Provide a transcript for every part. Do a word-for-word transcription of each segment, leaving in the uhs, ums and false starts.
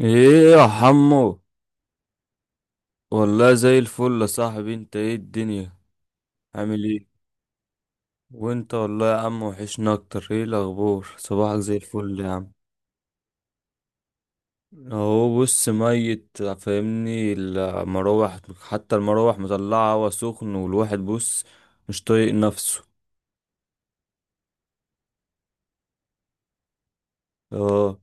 ايه يا حمو. والله زي الفل يا صاحبي، انت ايه الدنيا؟ عامل ايه؟ وانت والله يا عم وحشنا اكتر. ايه الاخبار؟ صباحك زي الفل يا عم. اهو بص، ميت فاهمني المراوح. حتى المراوح مطلعه هوا سخن، والواحد بص مش طايق نفسه. اه.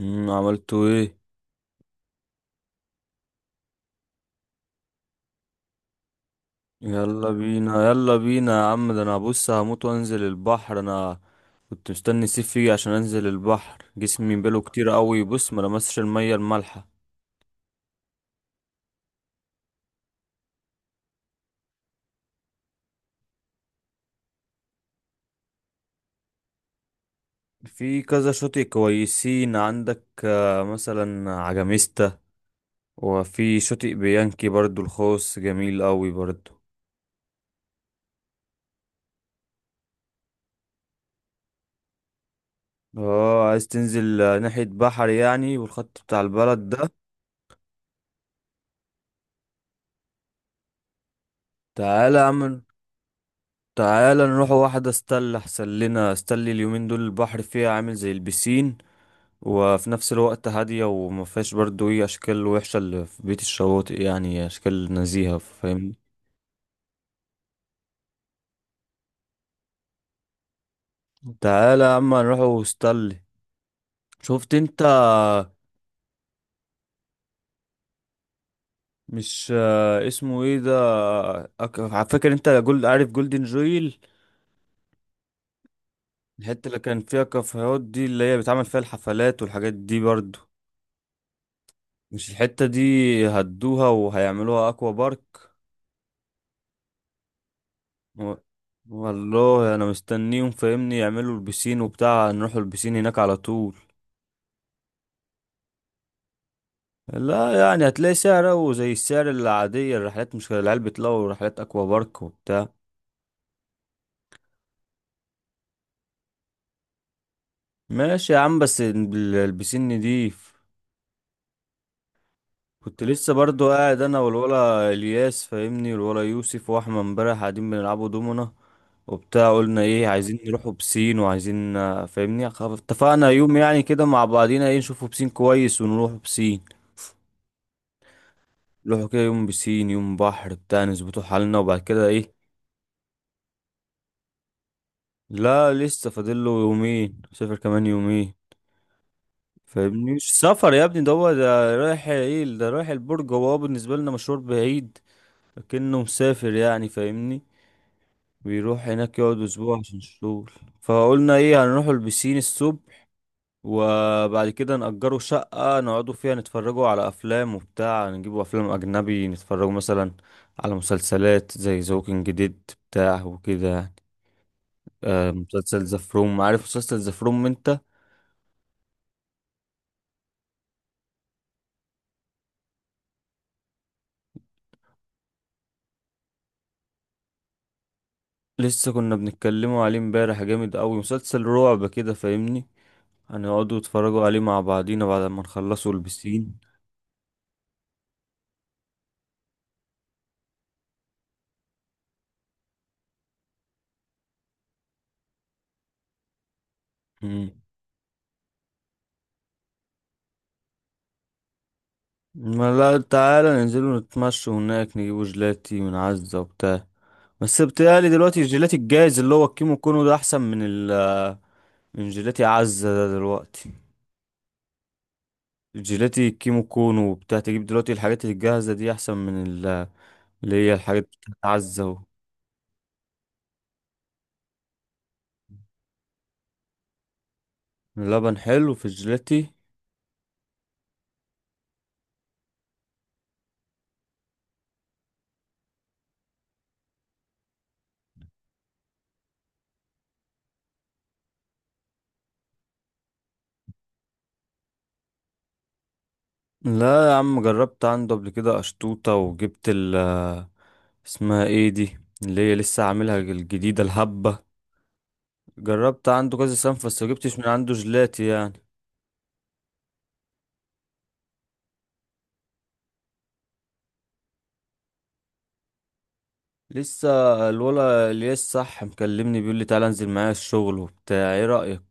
أمم، عملتوا ايه؟ يلا بينا يلا بينا يا عم، ده انا بص هموت وانزل البحر انا. كنت مستني الصيف يجي عشان انزل البحر، جسمي بقاله كتير قوي بص ما لمسش المية المالحة. في كذا شاطئ كويسين عندك آه، مثلا عجميستا. وفي شاطئ بيانكي برضو الخاص جميل قوي برضو. اه عايز تنزل آه، ناحية بحر يعني والخط بتاع البلد ده. تعالى يا عم، تعالى نروح واحدة استل، احسن لنا استل، اليومين دول البحر فيها عامل زي البسين. وفي نفس الوقت هادية وما فيهاش برضو ايه اشكال وحشة اللي في بيت الشواطئ، يعني اشكال نزيهة فاهمني. تعالى يا عم نروح وستانلي. شفت انت؟ مش آه، اسمه ايه ده. أك- على فكرة انت جولد عارف جولدن جويل؟ الحتة اللي كان فيها كافيهات دي، اللي هي بيتعمل فيها الحفلات والحاجات دي برضو، مش الحتة دي؟ هدوها وهيعملوها اكوا بارك. و- والله انا مستنيهم فاهمني يعملوا البسين وبتاع، نروحوا البسين هناك على طول. لا يعني هتلاقي سعره زي السعر العادية الرحلات، مش العيال بيطلعوا رحلات اكوا بارك وبتاع. ماشي يا عم، بس ال- البسين نضيف. كنت لسه برضو قاعد انا والولا الياس فاهمني والولا يوسف واحمد امبارح قاعدين بنلعبوا دومنا وبتاع، قلنا ايه عايزين نروحوا بسين، وعايزين آه، فاهمني، خ- اتفقنا يوم يعني كده مع بعضينا ايه، نشوفوا بسين كويس ونروح بسين. نروحوا كده يوم بسين يوم بحر بتاع، نظبطوا حالنا، وبعد كده ايه. لا لسه فاضل له يومين، سافر كمان يومين. فاهمني مش سفر يا ابني، ده هو ده رايح ايه، ده رايح البرج، هو بالنسبة لنا مشوار بعيد. لكنه مسافر يعني فاهمني. بيروح هناك يقعد اسبوع عشان الشغل. فقلنا ايه، هنروحوا البسين الصبح، وبعد كده نأجروا شقة نقعدوا فيها نتفرجوا على أفلام وبتاع، نجيبوا أفلام أجنبي نتفرجوا مثلا على مسلسلات زي ذا ووكينج ديد بتاع وكده يعني. آه، مسلسل ذا فروم، عارف مسلسل ذا فروم انت؟ لسه كنا بنتكلموا عليه امبارح، جامد قوي مسلسل رعب كده فاهمني. هنقعدوا نتفرجوا عليه مع بعضينا بعد ما نخلصوا البسين. مم. ما لا تعالى ننزلوا نتمشوا هناك، نجيبوا جيلاتي من عزة وبتاع. بس بتهيألي دلوقتي الجيلاتي الجاهز اللي هو الكيمو كونو ده احسن من ال، من جيلاتي عزة ده دلوقتي. الجيلاتي الكيمو كونو وبتاع، تجيب دلوقتي الحاجات الجاهزة دي احسن من ال- اللي هي الحاجات بتاعت عزة. اللبن حلو في الجيلاتي. لا يا عم، جربت عنده قبل كده أشطوطة، وجبت ال، اسمها ايه دي اللي هي لسه عاملها الجديدة، الهبة. جربت عنده كذا سنة بس مجبتش من عنده جلاتي يعني. لسه الولا الياس صح مكلمني بيقول لي تعالى انزل معايا الشغل وبتاع، ايه رأيك؟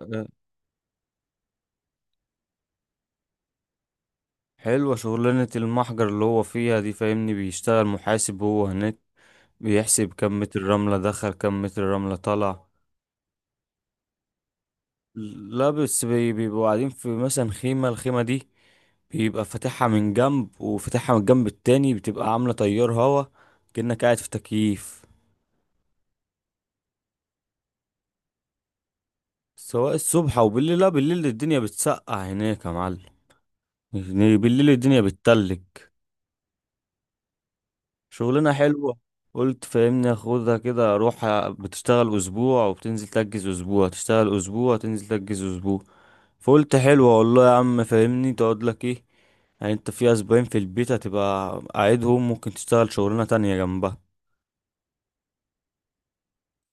أه، حلوة شغلانة المحجر اللي هو فيها دي فاهمني، بيشتغل محاسب هو هناك. بيحسب كم متر رملة دخل كم متر رملة طلع. لا بس بي- بيبقوا قاعدين في مثلا خيمة، الخيمة دي بيبقى فاتحها من جنب وفاتحها من الجنب التاني، بتبقى عاملة تيار هوا، كأنك قاعد في تكييف. سواء الصبح أو بالليل، لا بالليل الدنيا بتسقع هناك يا معلم. يعني بالليل الدنيا بتتلج. شغلانة حلوة. قلت فاهمني اخدها كده، اروح بتشتغل اسبوع وبتنزل تجز اسبوع، تشتغل اسبوع تنزل تجز اسبوع. فقلت حلو، اقول له يا عم فاهمني تقعد لك ايه، يعني انت في اسبوعين في البيت هتبقى قاعدهم، ممكن تشتغل شغلانة تانية جنبها.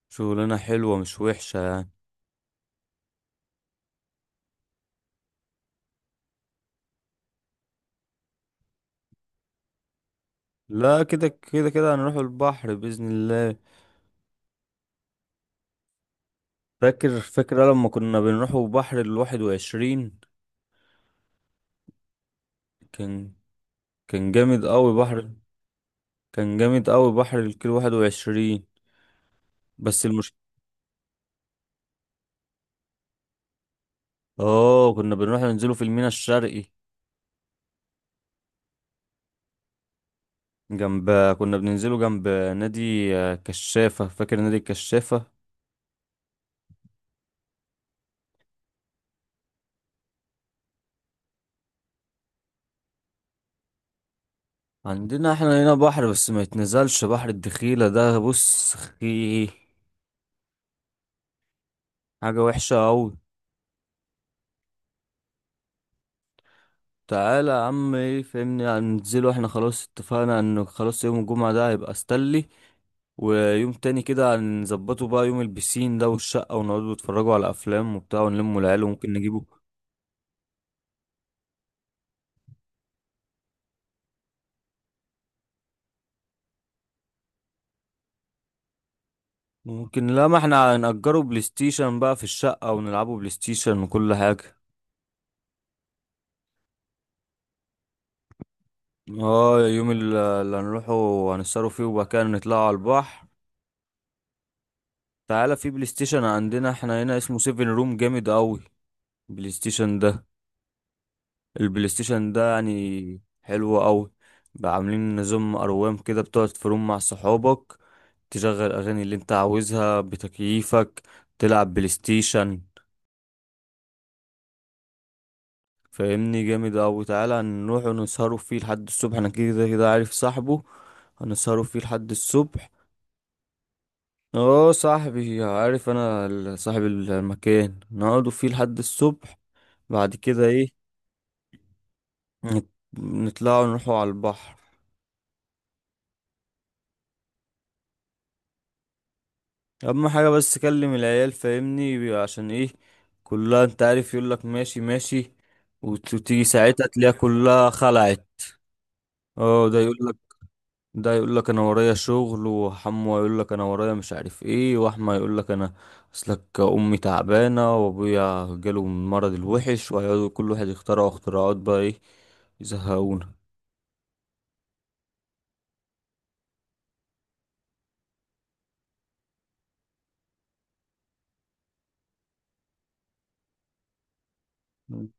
شغلانة حلوة مش وحشة يعني. لا كده كده كده هنروح البحر بإذن الله. فاكر فاكر لما كنا بنروحوا بحر الواحد وعشرين؟ كان كان جامد قوي بحر. كان جامد قوي بحر الكيلو واحد وعشرين. بس المشكلة، اه كنا بنروح ننزله في الميناء الشرقي. جنب، كنا بننزله جنب نادي آه، كشافة، فاكر نادي الكشافة؟ عندنا احنا هنا بحر بس ما يتنزلش بحر الدخيلة ده، بص خي، حاجة وحشة أوي. تعالى يا عم ايه فهمني، هننزله احنا خلاص، اتفقنا انه خلاص يوم الجمعة ده هيبقى ستانلي، ويوم تاني كده هنظبطه بقى يوم البسين ده والشقة، ونقعدوا نتفرجوا على أفلام وبتاع، ونلموا العيال، وممكن نجيبه. ممكن، لا ما احنا هنأجره بلاي ستيشن بقى في الشقة، ونلعبوا بلاي ستيشن وكل حاجة. اه يوم ال- اللي هنروحه هنسهروا فيه، وبعد كده نطلعوا على البحر. تعالى، في بلاي ستيشن عندنا احنا هنا اسمه سيفن روم، جامد قوي بلاي ستيشن ده. البلاي ستيشن ده يعني حلو قوي. بقى عاملين نظام اروام كده، بتقعد في روم مع صحابك، تشغل اغاني اللي انت عاوزها بتكييفك، تلعب بلاي ستيشن. فاهمني، جامد قوي. تعالى نروح ونسهروا فيه لحد الصبح، انا كده كده عارف صاحبه. هنسهروا فيه لحد الصبح. اه صاحبي، عارف انا ال، صاحب المكان، نقعدوا فيه لحد الصبح. بعد كده ايه، نت- نطلعوا نروحوا على البحر. اهم حاجه بس كلم العيال فاهمني عشان ايه، كلها انت عارف يقول لك ماشي ماشي، وت- وتيجي ساعتها تلاقيها كلها خلعت. اه ده يقول لك، ده يقول لك انا ورايا شغل، وحمو يقول لك انا ورايا مش عارف ايه، واحمى يقول لك انا اصلك امي تعبانه وابويا جاله من المرض الوحش، وهيقعدوا كل واحد يخترعوا اختراعات بقى ايه، يزهقونا.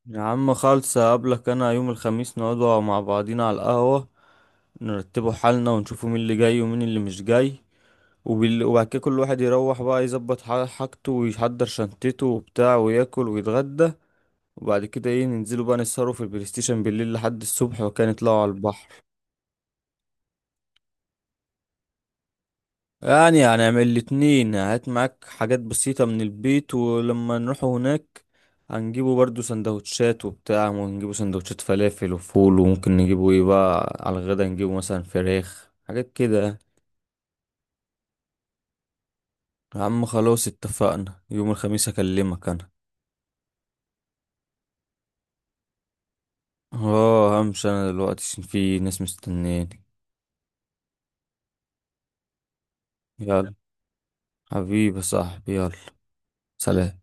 يا عم خالص، هقابلك انا يوم الخميس نقعدوا مع بعضينا على القهوه، نرتبه حالنا ونشوفه مين اللي جاي ومين اللي مش جاي. وبال... وبعد كده كل واحد يروح بقى يظبط ح- حاجته ويحضر شنطته وبتاع وياكل ويتغدى. وبعد كده ايه، ننزلوا بقى نسهروا في البلاي ستيشن بالليل لحد الصبح، وكان يطلعوا على البحر. يعني هنعمل الاتنين، هات معاك حاجات بسيطة من البيت، ولما نروحوا هناك هنجيبوا برضو سندوتشات وبتاع، ونجيبوا سندوتشات فلافل وفول، وممكن نجيبوا ايه بقى على الغدا، نجيبوا مثلا فراخ حاجات كده يعني. يا عم خلاص اتفقنا يوم الخميس اكلمك انا. اه همشي انا دلوقتي عشان في ناس مستنياني. يلا، حبيبي يا صاحبي، يلا. سلام.